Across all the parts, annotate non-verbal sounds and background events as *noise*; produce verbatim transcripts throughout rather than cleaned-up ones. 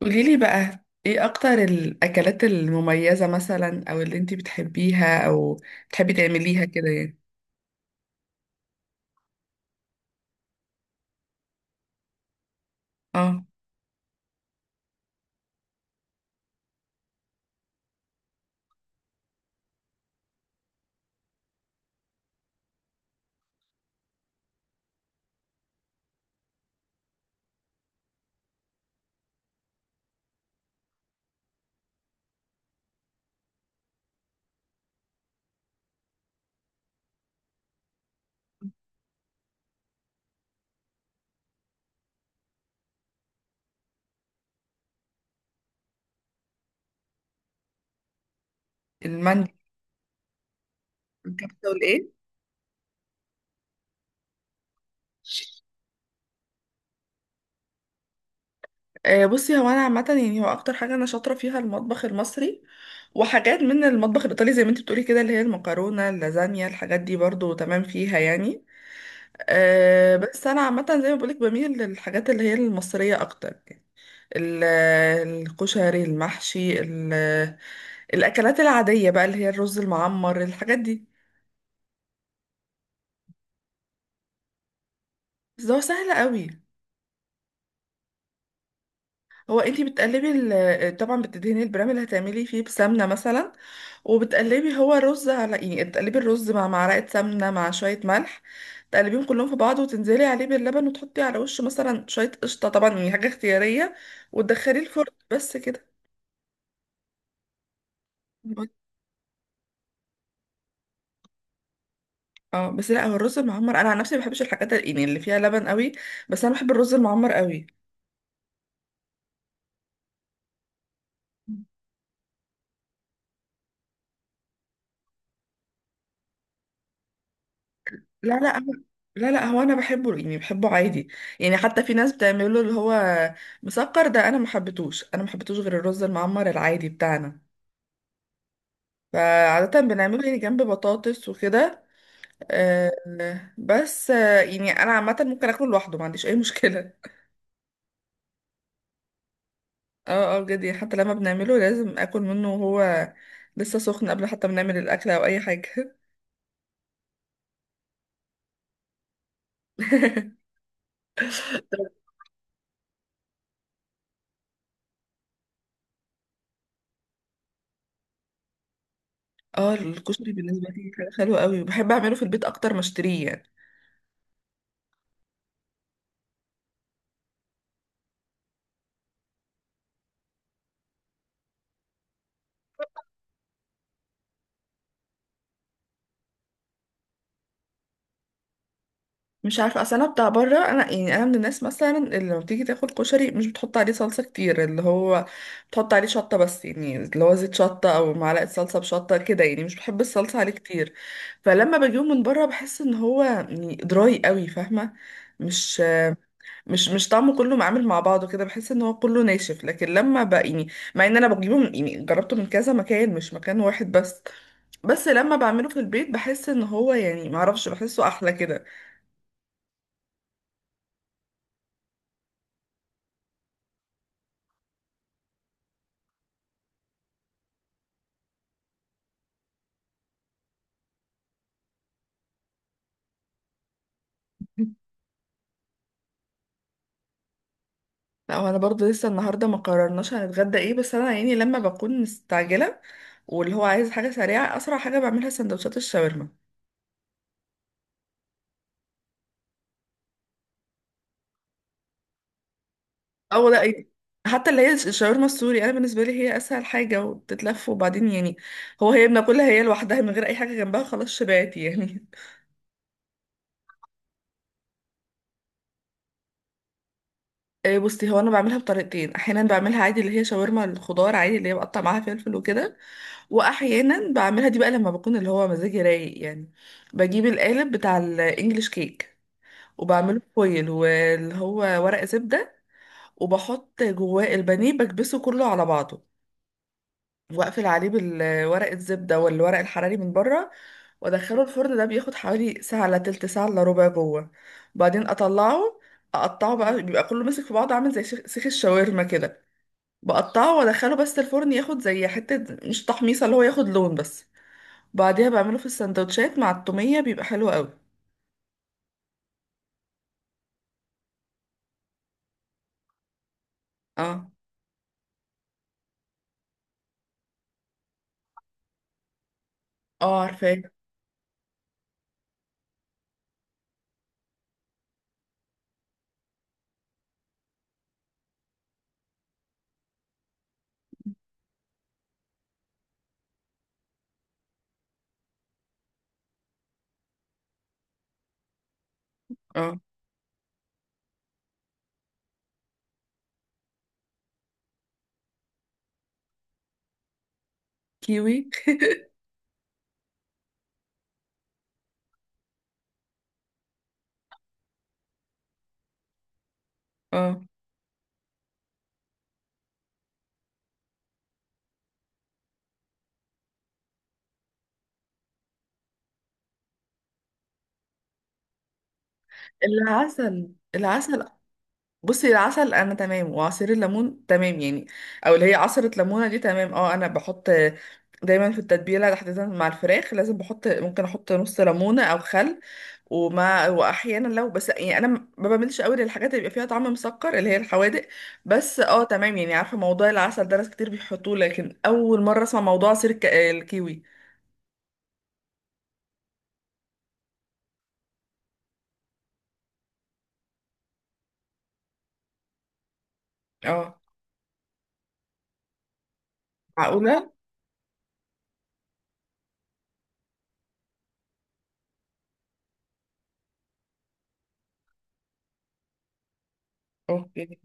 قوليلي بقى ايه اكتر الاكلات المميزة مثلا او اللي انتي بتحبيها او بتحبي تعمليها كده يعني. اه. المندي. الكبسة والايه؟ آه، بصي هو انا عامة يعني هو اكتر حاجة انا شاطرة فيها المطبخ المصري، وحاجات من المطبخ الايطالي زي ما انتي بتقولي كده، اللي هي المكرونة اللازانيا، الحاجات دي برضو تمام فيها يعني. آه، بس انا عامة زي ما بقولك بميل للحاجات اللي هي المصرية اكتر. ال- الكشري، المحشي، ال- الاكلات العاديه بقى اللي هي الرز المعمر، الحاجات دي. بس ده هو سهل قوي. هو انتي بتقلبي ال- طبعا بتدهني البرام اللي هتعملي فيه بسمنه مثلا، وبتقلبي هو رز على يعني تقلبي الرز مع معلقه سمنه مع شويه ملح، تقلبيهم كلهم في بعض وتنزلي عليه باللبن، وتحطي على وشه مثلا شويه قشطه طبعا يعني حاجه اختياريه، وتدخليه الفرن بس كده. اه بس لا، هو الرز المعمر انا عن نفسي ما بحبش الحاجات ال- يعني اللي فيها لبن قوي، بس انا بحب الرز المعمر قوي. لا لا هو- لا لا هو انا بحبه يعني بحبه عادي، يعني حتى في ناس بتعمله اللي هو مسكر ده، انا ما حبيتهوش انا ما حبيتهوش غير الرز المعمر العادي بتاعنا، فعادة بنعمله يعني جنب بطاطس وكده. آه، بس آه، يعني انا عامة ممكن اكله لوحده، ما عنديش اي مشكلة. *laughs* اه اه بجد، يعني حتى لما بنعمله لازم اكل منه وهو لسه سخن، قبل حتى ما نعمل الاكل او اي حاجة. *laughs* اه، الكشري بالنسبه لي حاجه حلوه قوي، وبحب اعمله في البيت اكتر ما اشتريه يعني. مش عارفه، اصل انا بتاع بره انا يعني انا من الناس مثلا اللي لما بتيجي تاكل كشري مش بتحط عليه صلصه كتير، اللي هو بتحط عليه شطه بس، يعني اللي هو زيت شطه او معلقه صلصه بشطه كده، يعني مش بحب الصلصه عليه كتير. فلما بجيبه من بره بحس ان هو يعني دراي قوي، فاهمه؟ مش مش مش طعمه كله معامل مع بعضه كده، بحس ان هو كله ناشف. لكن لما بقى يعني، مع ان انا بجيبه من يعني جربته من كذا مكان مش مكان واحد بس، بس لما بعمله في البيت بحس ان هو يعني معرفش، بحسه احلى كده. لا، هو انا برضه لسه النهارده ما قررناش هنتغدى ايه، بس انا يعني لما بكون مستعجله واللي هو عايز حاجه سريعه، اسرع حاجه بعملها سندوتشات الشاورما. او لا إيه. حتى اللي هي الش- الشاورما السوري، انا بالنسبه لي هي اسهل حاجه وبتتلف، وبعدين يعني هو هي بناكلها هي لوحدها من غير اي حاجه جنبها، خلاص شبعت يعني. *laughs* إيه، بصي هو انا بعملها بطريقتين. احيانا بعملها عادي اللي هي شاورما الخضار عادي، اللي هي بقطع معاها فلفل وكده. واحيانا بعملها دي بقى لما بكون اللي هو مزاجي رايق يعني، بجيب القالب بتاع الانجليش كيك وبعمله فويل، واللي هو ورق زبدة، وبحط جواه البانيه بكبسه كله على بعضه، واقفل عليه بالورق الزبدة والورق الحراري من بره، وادخله الفرن. ده بياخد حوالي ساعة الا تلت، ساعة الا ربع جوه. بعدين اطلعه، اقطعه بقى، بيبقى كله ماسك في بعضه عامل زي شيخ سيخ الشاورما كده. بقطعه وادخله بس الفرن ياخد زي حتة مش تحميصة، اللي هو ياخد لون بس. بعديها بعمله في السندوتشات مع التومية، بيبقى حلو قوي. اه. اه عارفاه. اه. كيوي؟ اه. العسل. العسل؟ بصي، العسل انا تمام، وعصير الليمون تمام يعني، او اللي هي عصرة ليمونة دي تمام. اه انا بحط دايما في التتبيلة تحديدا مع الفراخ لازم بحط، ممكن احط نص ليمونة او خل. ومع واحيانا لو، بس يعني انا م- ما بعملش قوي للحاجات اللي بيبقى فيها طعم مسكر، اللي هي الحوادق. بس اه تمام يعني، عارفه موضوع العسل ده ناس كتير بيحطوه، لكن اول مره اسمع موضوع عصير الك- الكيوي. اه. معقوله؟ اوكي.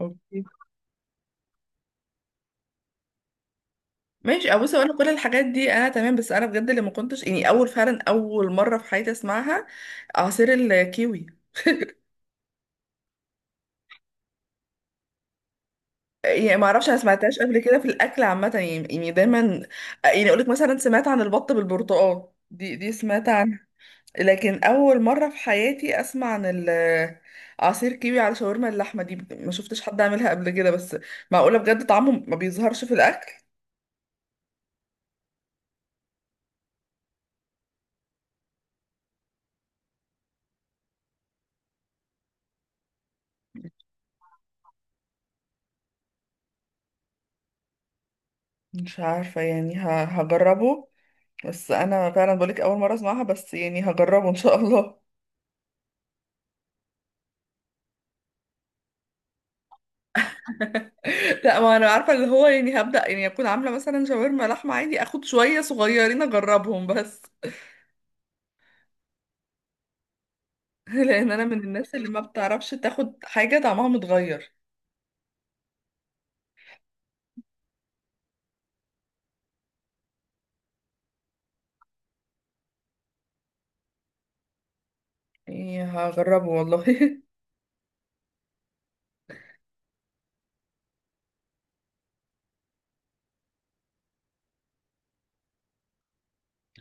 اوكي ماشي. ابص، انا كل الحاجات دي انا تمام، بس انا بجد اللي ما كنتش يعني، اول فعلا اول مره في حياتي اسمعها، عصير الكيوي. يعني ما اعرفش، انا سمعتهاش قبل كده في الاكل عامه يعني، يعني دايما آه، يعني اقول لك مثلا سمعت عن البط بالبرتقال، دي دي سمعت عنها. لكن اول مره في حياتي اسمع عن ال- عصير كيوي على شاورما اللحمه دي، ما شفتش حد عاملها قبل كده بس. معقوله بجد طعمه ما بيظهرش في الاكل؟ مش عارفه يعني ه- هجربه. بس انا فعلا بقولك اول مره اسمعها، بس يعني هجربه ان شاء الله. *laughs* لا، ما انا عارفه اللي هو يعني هبدا، يعني اكون عامله مثلا شاورما لحمه عادي، اخد شويه صغيرين اجربهم بس. *laughs* لان انا من الناس اللي ما بتعرفش تاخد حاجه طعمها متغير. يعني هجربه والله. *laughs*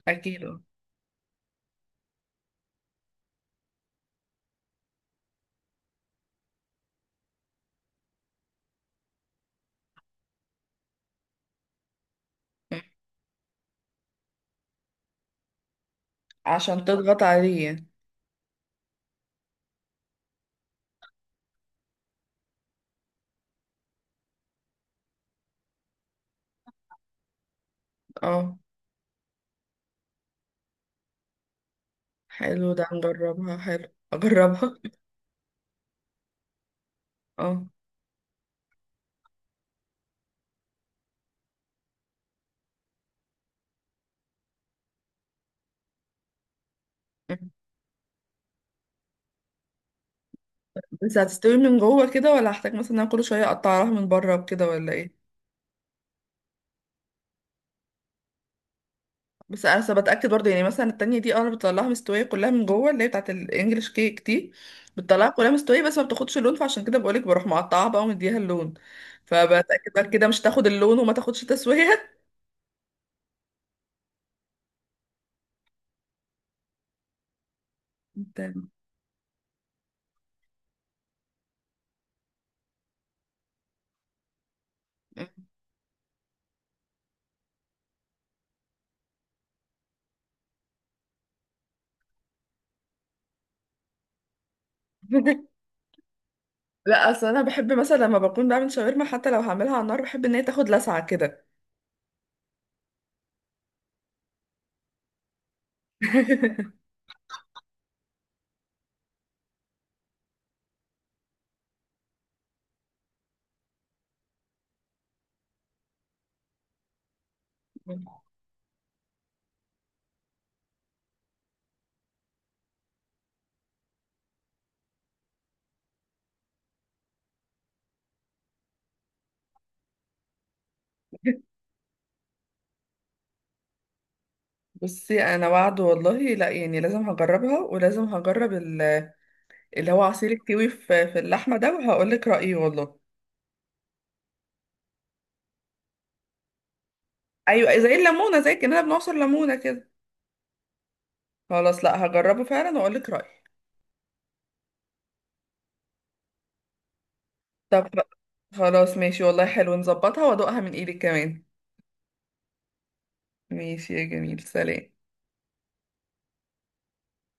اكيد. عشان تضغط عليه. اه حلو ده، نجربها، حلو. اجربها. *laughs* اه. بس هتستوي من جوه كده، ولا هحتاج مثلا إن انا كل شويه اقطعها من بره وكده، ولا ايه؟ بس انا أصل بتاكد برضه، يعني مثلا التانية دي اه، انا بطلعها مستويه كلها من جوه، اللي هي بتاعت الانجليش كيك دي بتطلعها كلها مستويه، بس ما بتاخدش اللون، فعشان كده بقولك بروح مقطعها بقى ومديها اللون. فبتاكد بقى كده مش تاخد اللون، وما تاخدش تسويه. تمام. *laughs* لا، اصل انا بحب مثلا لما بكون بعمل شاورما، حتى لو هعملها على النار، بحب ان هي تاخد لسعه كده. *laughs* بصي، انا وعد والله، لا يعني لازم هجربها، ولازم هجرب ال- اللي هو عصير الكيوي في في اللحمه ده، وهقول لك رايي والله. ايوه، زي الليمونه، زي كاننا بنعصر ليمونه كده. خلاص، لا هجربه فعلا واقول لك رايي. طب خلاص ماشي والله، حلو، نظبطها وادوقها من ايدك كمان. ماشي يا جميل، سلام.